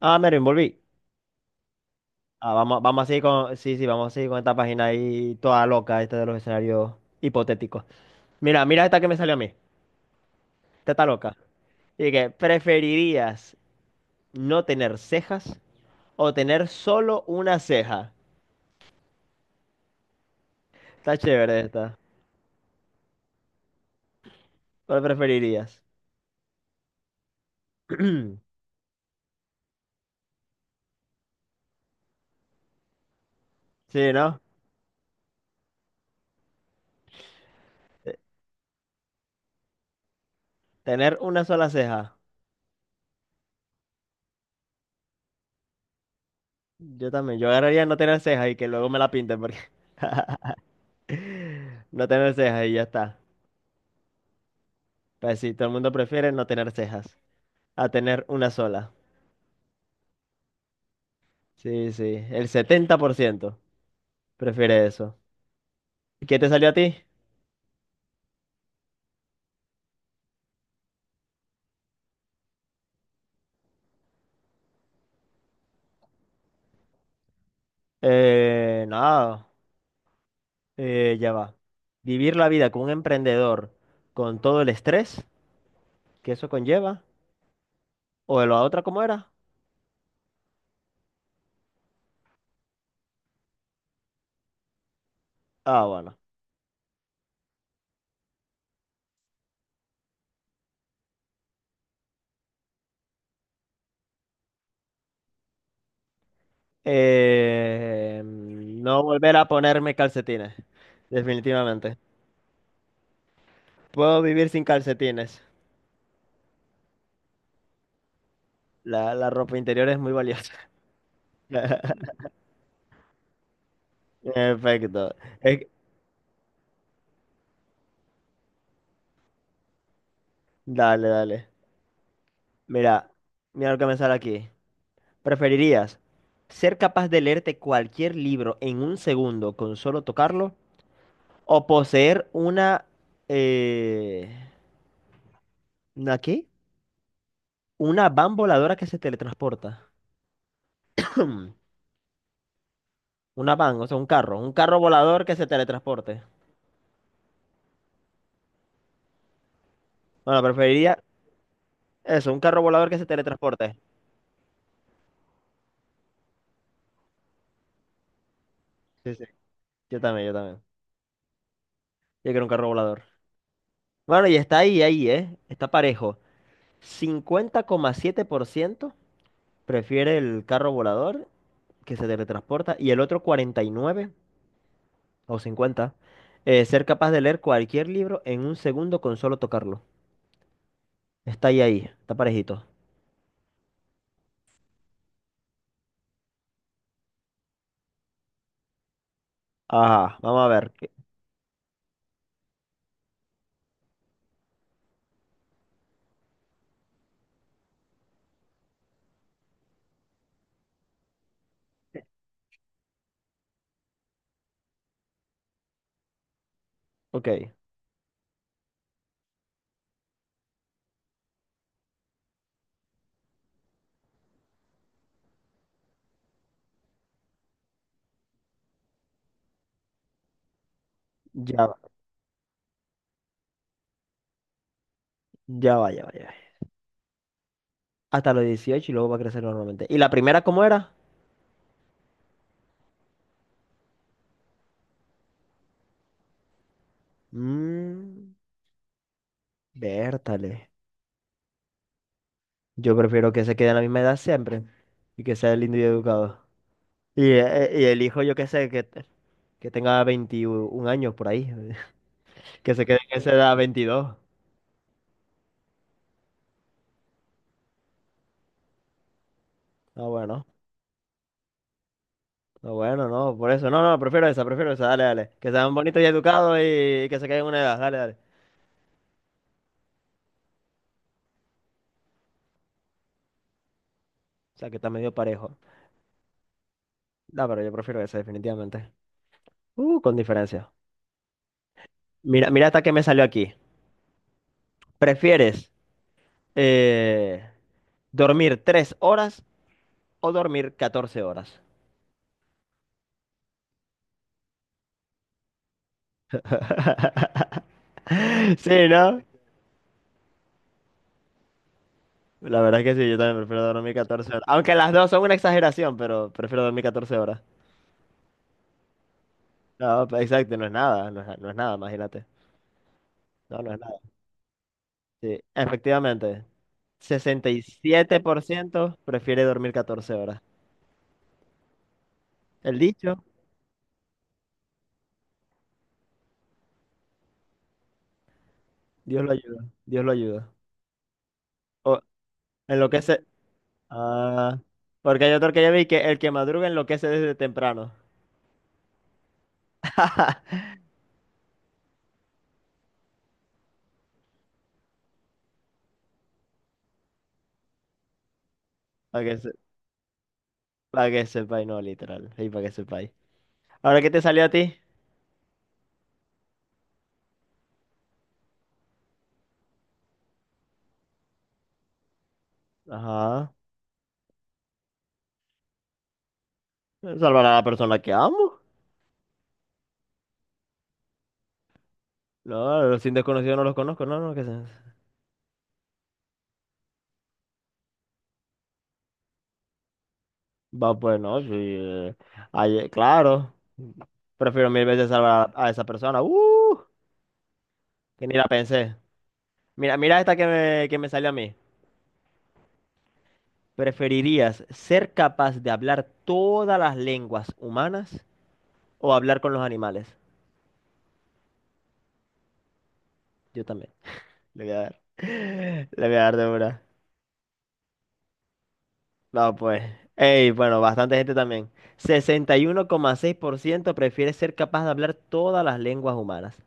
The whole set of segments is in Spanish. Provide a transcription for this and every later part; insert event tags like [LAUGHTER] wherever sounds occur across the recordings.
Ah, me reenvolví. Ah, vamos sí, sí, vamos a seguir con esta página ahí toda loca, esta de los escenarios hipotéticos. Mira, mira esta que me salió a mí. Esta está loca. ¿Preferirías no tener cejas o tener solo una ceja? Está chévere esta. ¿Cuál preferirías? [CLEARS THROAT] Sí, ¿no? Tener una sola ceja. Yo también. Yo agarraría no tener cejas y que luego me la pinten porque [LAUGHS] no tener cejas y ya está. Pues sí, todo el mundo prefiere no tener cejas a tener una sola. Sí, sí, el 70% prefiere eso. ¿Qué te salió a ti? Nada, ya va. Vivir la vida como un emprendedor con todo el estrés que eso conlleva. ¿O la otra cómo era? Ah, bueno. No volver a ponerme calcetines, definitivamente. Puedo vivir sin calcetines. La ropa interior es muy valiosa. [LAUGHS] Perfecto. Es- Dale, dale. Mira, mira lo que me sale aquí. ¿Preferirías ser capaz de leerte cualquier libro en un segundo con solo tocarlo? ¿O poseer una? Eh, ¿Una qué? Una van voladora que se teletransporta. [CLEARS THROAT] Hmm, Una van, o sea, un carro. Un carro volador que se teletransporte. Bueno, preferiría eso, un carro volador que se teletransporte. Sí, sí. Yo también, yo también. Yo quiero un carro volador. Bueno, y está ahí, ahí, ¿eh? Está parejo. 50,7% prefiere el carro volador que se teletransporta y el otro 49 o 50, ser capaz de leer cualquier libro en un segundo con solo tocarlo. Está ahí, ahí, está parejito. Ajá, vamos a ver. Ok, ya va, ya va, ya va, ya va. Hasta los 18 y luego va a crecer normalmente. ¿Y la primera cómo era? Mmm, Vértale. Yo prefiero que se quede en la misma edad siempre y que sea lindo y educado. Y el hijo, yo qué sé, que tenga 21 años por ahí. Que se quede en esa edad 22. Ah, bueno. Ah, bueno, no, por eso. No, no, prefiero esa, prefiero esa. Dale, dale. Que sean bonitos y educados y que se queden en una edad. Dale, dale. O sea, que está medio parejo. No, pero yo prefiero esa, definitivamente. Con diferencia. Mira, mira hasta que me salió aquí. ¿Prefieres eh, dormir 3 horas o dormir 14 horas? [LAUGHS] Sí, ¿no? La verdad es que sí, yo también prefiero dormir 14 horas. Aunque las dos son una exageración, pero prefiero dormir 14 horas. No, exacto, no es nada, no es nada, imagínate. No, no es nada. Sí, efectivamente. 67% prefiere dormir 14 horas. El dicho, Dios lo ayuda, Dios lo ayuda. O enloquece. Ah, porque hay otro que ya vi que el que madruga enloquece desde temprano. [LAUGHS] Para que, se, Pa' que sepáis, no, literal. Y para que sepáis. Ahora, ¿qué te salió a ti? Ajá. Salvar a la persona que amo. No, los sin desconocidos no los conozco, no, no, que sé. Va, pues no, sí. Ay, claro. Prefiero mil veces salvar a esa persona. ¡Uh! Que ni la pensé. Mira, mira esta que me salió a mí. ¿Preferirías ser capaz de hablar todas las lenguas humanas o hablar con los animales? Yo también. Le voy a dar. [GASPS] [LAUGHS] Le voy a dar de una. No, pues. Ey, bueno, bastante gente también. 61,6% prefiere ser capaz de hablar todas las lenguas humanas.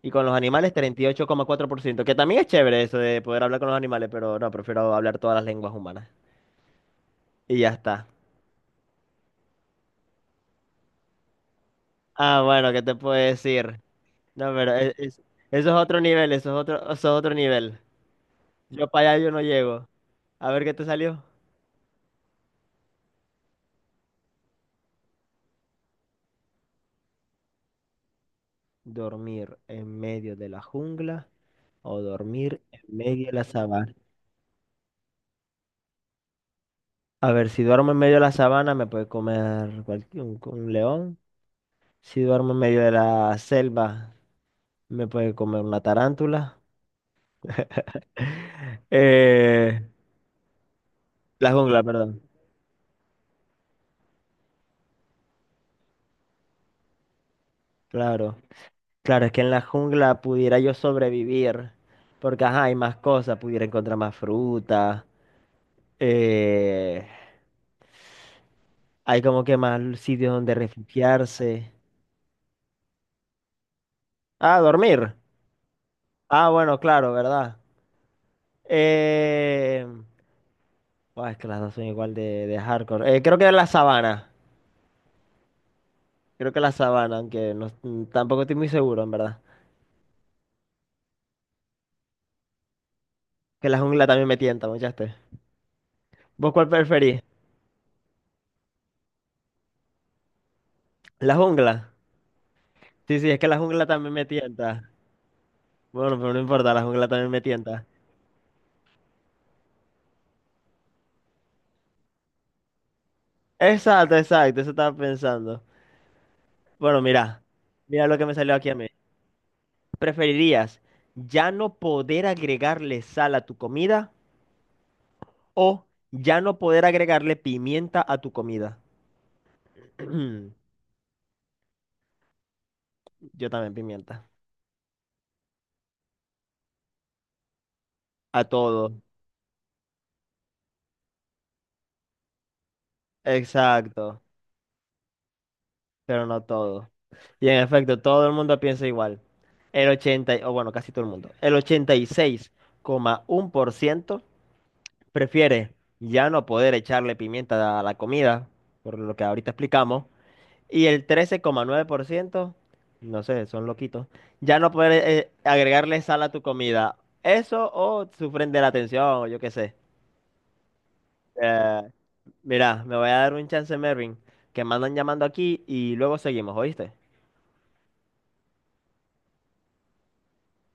Y con los animales, 38,4% que también es chévere eso de poder hablar con los animales, pero no, prefiero hablar todas las lenguas humanas. Y ya está. Ah, bueno, ¿qué te puedo decir? No, pero eso es otro nivel, eso es otro nivel. Yo para allá yo no llego. A ver qué te salió. ¿Dormir en medio de la jungla o dormir en medio de la sabana? A ver, si duermo en medio de la sabana me puede comer un león. Si duermo en medio de la selva me puede comer una tarántula. [LAUGHS] Eh, la jungla, perdón. Claro. Claro, es que en la jungla pudiera yo sobrevivir. Porque, ajá, hay más cosas. Pudiera encontrar más fruta. eh, Hay como que más sitios donde refugiarse. Ah, dormir. Ah, bueno, claro, ¿verdad? Eh, Buah, es que las dos son igual de hardcore. Creo que la sabana. Creo que la sabana, aunque no, tampoco estoy muy seguro, en verdad. Que la jungla también me tienta, muchaste. ¿Vos cuál preferís? La jungla. Sí, sí, es que la jungla también me tienta. Bueno, pero no importa, la jungla también me tienta. Exacto, exacto, eso estaba pensando. Bueno, mira, mira lo que me salió aquí a mí. ¿Preferirías ya no poder agregarle sal a tu comida o ya no poder agregarle pimienta a tu comida? [CLEARS THROAT] Yo también pimienta. A todo. Exacto, pero no todo. Y en efecto, todo el mundo piensa igual. O bueno, casi todo el mundo. El 86,1% prefiere ya no poder echarle pimienta a la comida, por lo que ahorita explicamos, y el 13,9%, no sé, son loquitos, ya no poder agregarle sal a tu comida. Eso o sufren de la tensión, o yo qué sé. Eh, Mira, me voy a dar un chance, Mervin, que me andan llamando aquí y luego seguimos, ¿oíste?